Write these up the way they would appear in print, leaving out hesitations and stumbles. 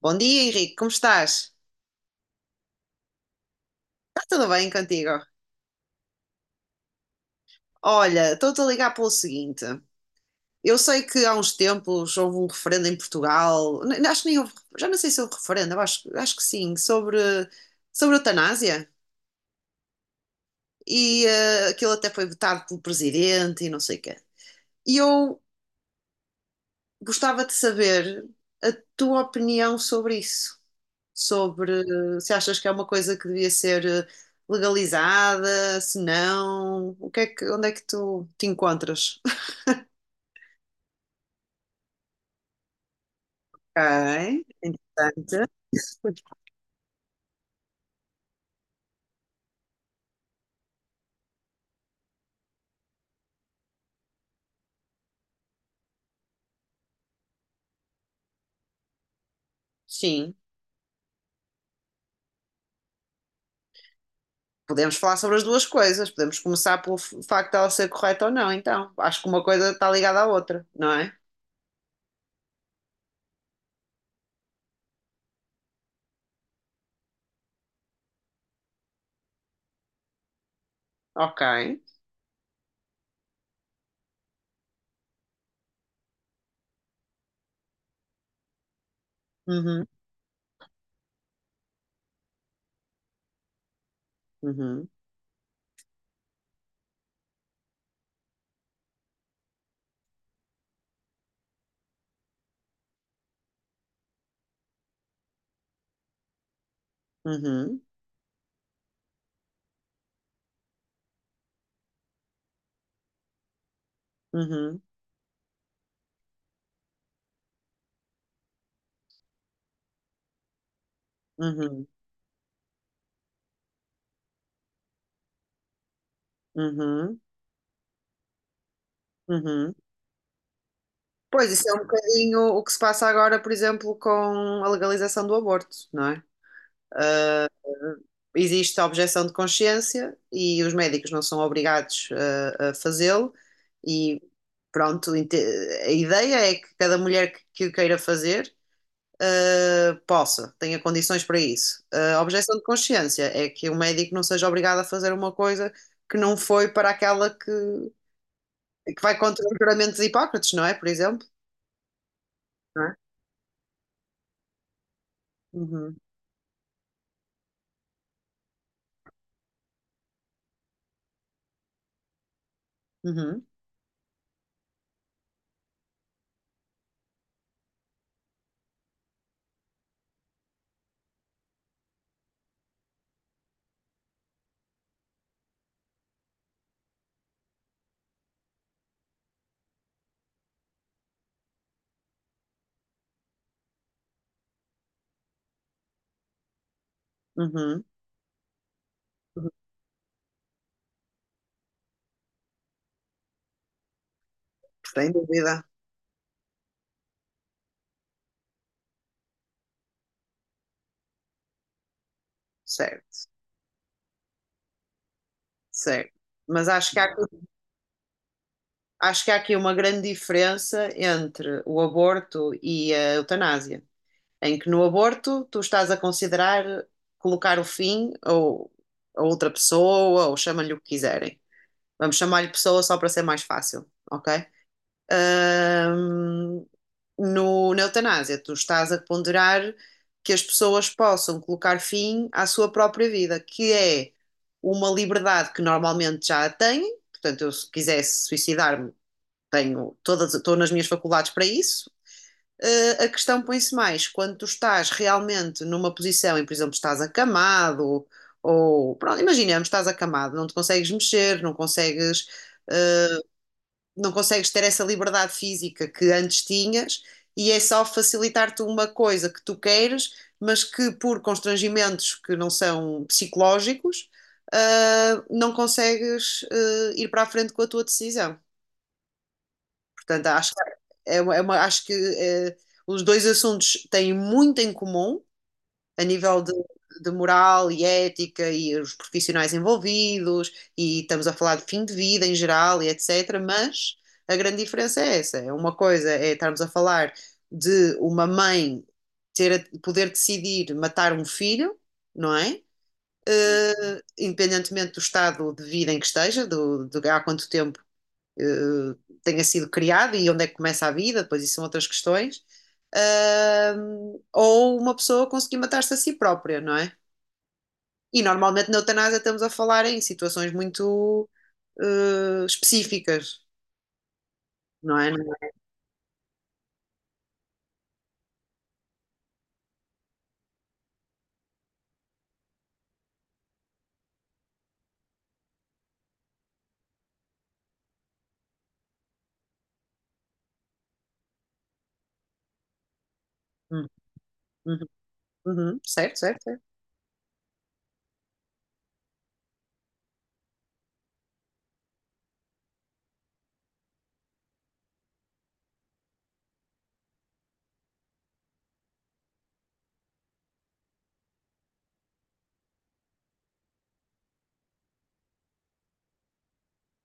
Bom dia, Henrique, como estás? Está tudo bem contigo? Olha, estou-te a ligar pelo seguinte. Eu sei que há uns tempos houve um referendo em Portugal, acho que nem houve, já não sei se houve referendo, acho que sim, sobre a eutanásia. Aquilo até foi votado pelo presidente e não sei o quê. E eu gostava de saber a tua opinião sobre isso. Sobre se achas que é uma coisa que devia ser legalizada, se não, o que é que, onde é que tu te encontras? Ok, interessante. Sim, podemos falar sobre as duas coisas. Podemos começar pelo facto de ela ser correta ou não, então. Acho que uma coisa está ligada à outra, não é? Ok. Uhum, uhum, uhum, uhum, uhum, uhum, uhum, uhum. Pois, isso é um bocadinho o que se passa agora, por exemplo, com a legalização do aborto, não é? Existe a objeção de consciência e os médicos não são obrigados a fazê-lo e pronto, a ideia é que cada mulher que o queira fazer possa, tenha condições para isso. A objeção de consciência é que o médico não seja obrigado a fazer uma coisa que não foi para aquela que vai contra o juramento de Hipócrates, não é? Por exemplo, não é? Uhum, uhum, uhum. Sem dúvida, certo, certo. Mas acho que há, acho que há aqui uma grande diferença entre o aborto e a eutanásia, em que no aborto tu estás a considerar colocar o fim ou a outra pessoa, ou chama-lhe o que quiserem. Vamos chamar-lhe pessoa só para ser mais fácil, ok? Ahm, no, Na eutanásia, tu estás a ponderar que as pessoas possam colocar fim à sua própria vida, que é uma liberdade que normalmente já a têm. Portanto, eu, se quisesse suicidar-me, estou nas minhas faculdades para isso. A questão põe-se mais quando tu estás realmente numa posição em, por exemplo, estás acamado, ou pronto, imaginemos, estás acamado, não te consegues mexer, não consegues ter essa liberdade física que antes tinhas e é só facilitar-te uma coisa que tu queiras, mas que por constrangimentos que não são psicológicos, não consegues ir para a frente com a tua decisão. Portanto, acho que os dois assuntos têm muito em comum, a nível de moral e ética e os profissionais envolvidos, e estamos a falar de fim de vida em geral e etc. Mas a grande diferença é essa: é uma coisa é estarmos a falar de uma mãe poder decidir matar um filho, não é? Independentemente do estado de vida em que esteja, de há quanto eh, tenha sido criado e onde é que começa a vida, depois isso são outras questões, ou uma pessoa conseguir matar-se a si própria, não é? E normalmente na eutanásia estamos a falar em situações muito específicas, não é? Uhum, uhum, uhum, certo, certo, certo,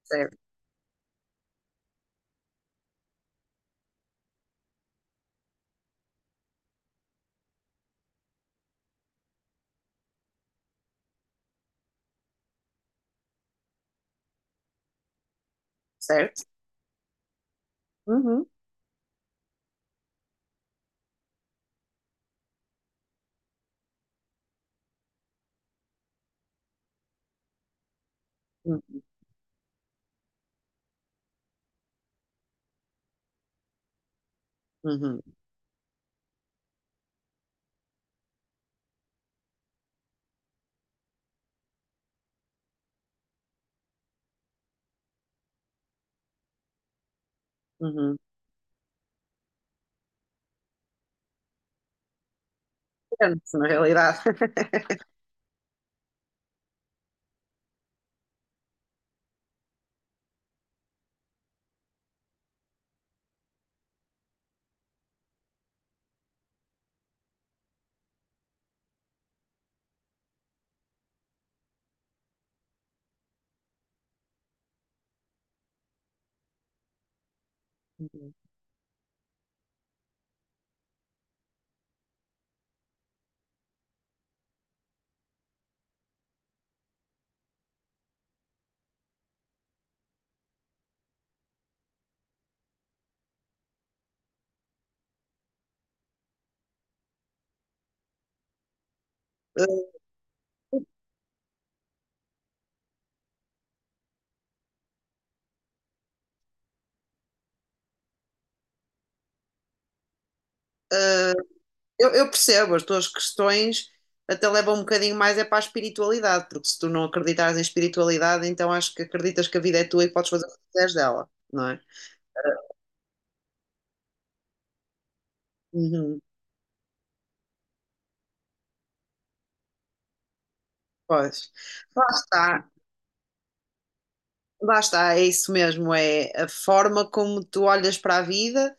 certo, certo. Uhum, uhum, uhum, uhum. Depende, na realidade. Eu percebo, as tuas questões até levam um bocadinho mais é para a espiritualidade, porque se tu não acreditares em espiritualidade, então acho que acreditas que a vida é tua e podes fazer o que quiseres dela, não é? Uhum, pois. Lá está, lá está, é isso mesmo, é a forma como tu olhas para a vida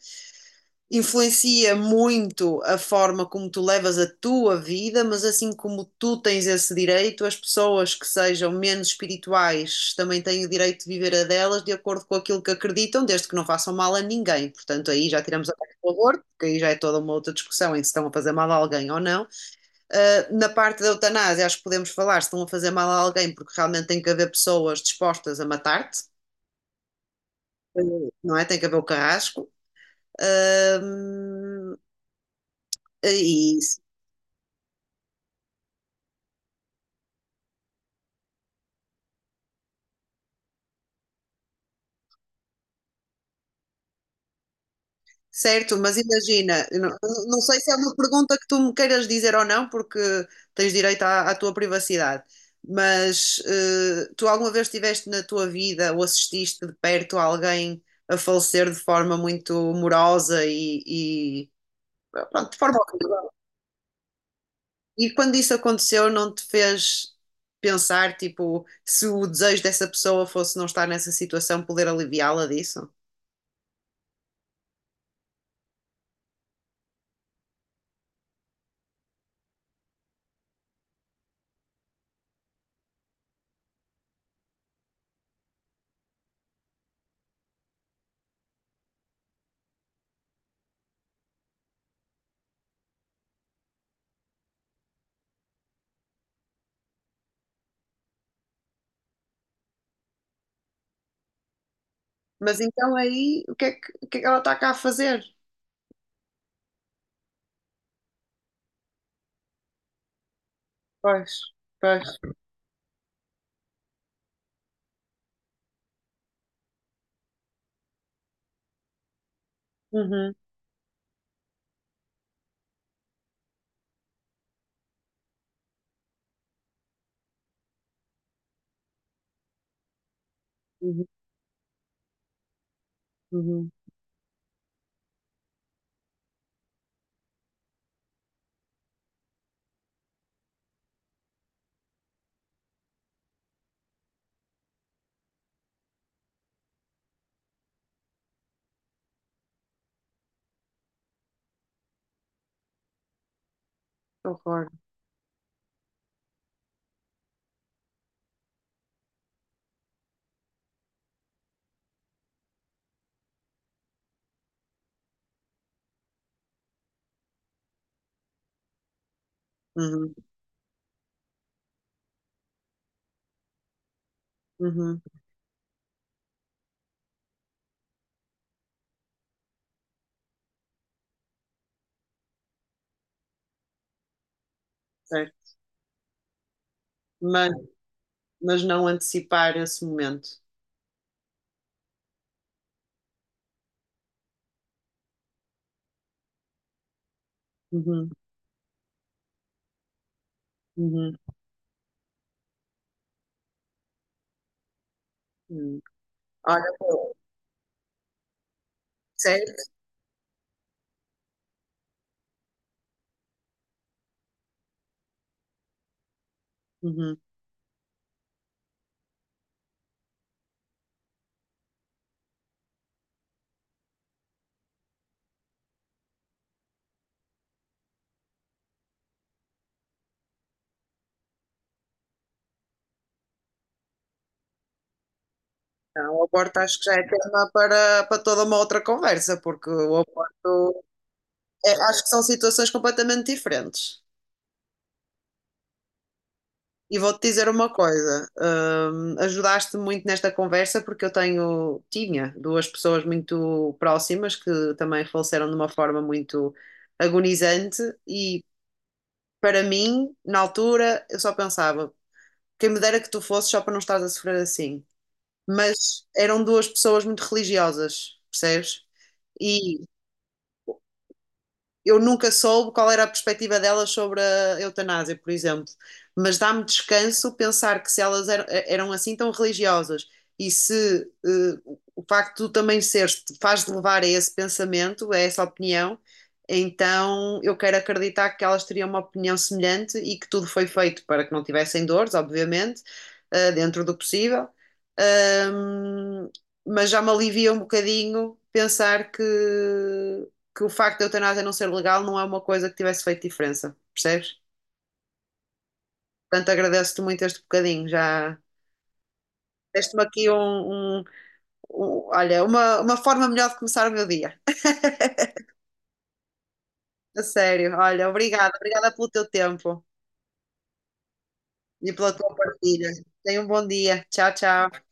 influencia muito a forma como tu levas a tua vida, mas assim como tu tens esse direito, as pessoas que sejam menos espirituais também têm o direito de viver a delas de acordo com aquilo que acreditam, desde que não façam mal a ninguém. Portanto, aí já tiramos a parte do aborto, porque aí já é toda uma outra discussão em se estão a fazer mal a alguém ou não. Ah, na parte da eutanásia, acho que podemos falar se estão a fazer mal a alguém, porque realmente tem que haver pessoas dispostas a matar-te. Não é? Tem que haver o carrasco. Ah, e certo, mas imagina, eu não, não sei se é uma pergunta que tu me queiras dizer ou não, porque tens direito à tua privacidade, mas eh, tu alguma vez estiveste na tua vida ou assististe de perto a alguém a falecer de forma muito e, pronto, de forma horrível? E quando isso aconteceu, não te fez pensar, tipo, se o desejo dessa pessoa fosse não estar nessa situação, poder aliviá-la disso? Mas então aí, o que é que ela está cá a fazer? Pois, pois. Uhum, uhum, uhum. Concordo. Uhum, uhum, certo. Mas, mas não antecipar esse momento. Uhum, uhum, uhum. Olha, pô, certo. Uhum. Não, o aborto acho que já é tema para toda uma outra conversa, porque o aborto acho que são situações completamente diferentes. E vou-te dizer uma coisa, ajudaste-me muito nesta conversa porque tinha duas pessoas muito próximas que também faleceram de uma forma muito agonizante e para mim, na altura, eu só pensava, quem me dera que tu fosses só para não estares a sofrer assim. Mas eram duas pessoas muito religiosas, percebes? E eu nunca soube qual era a perspectiva delas sobre a eutanásia, por exemplo. Mas dá-me descanso pensar que se elas eram assim tão religiosas e se eh, o facto de tu também seres te faz de levar a esse pensamento, a essa opinião, então eu quero acreditar que elas teriam uma opinião semelhante e que tudo foi feito para que não tivessem dores, obviamente, eh, dentro do possível. Ahm, mas já me alivia um bocadinho pensar que o facto de a eutanásia não ser legal não é uma coisa que tivesse feito diferença, percebes? Portanto, agradeço-te muito este bocadinho, já deste-me aqui olha, uma forma melhor de começar o meu dia. A sério, olha, obrigada pelo teu tempo e pela tua partilha. Tenha um bom dia. Tchau, tchau.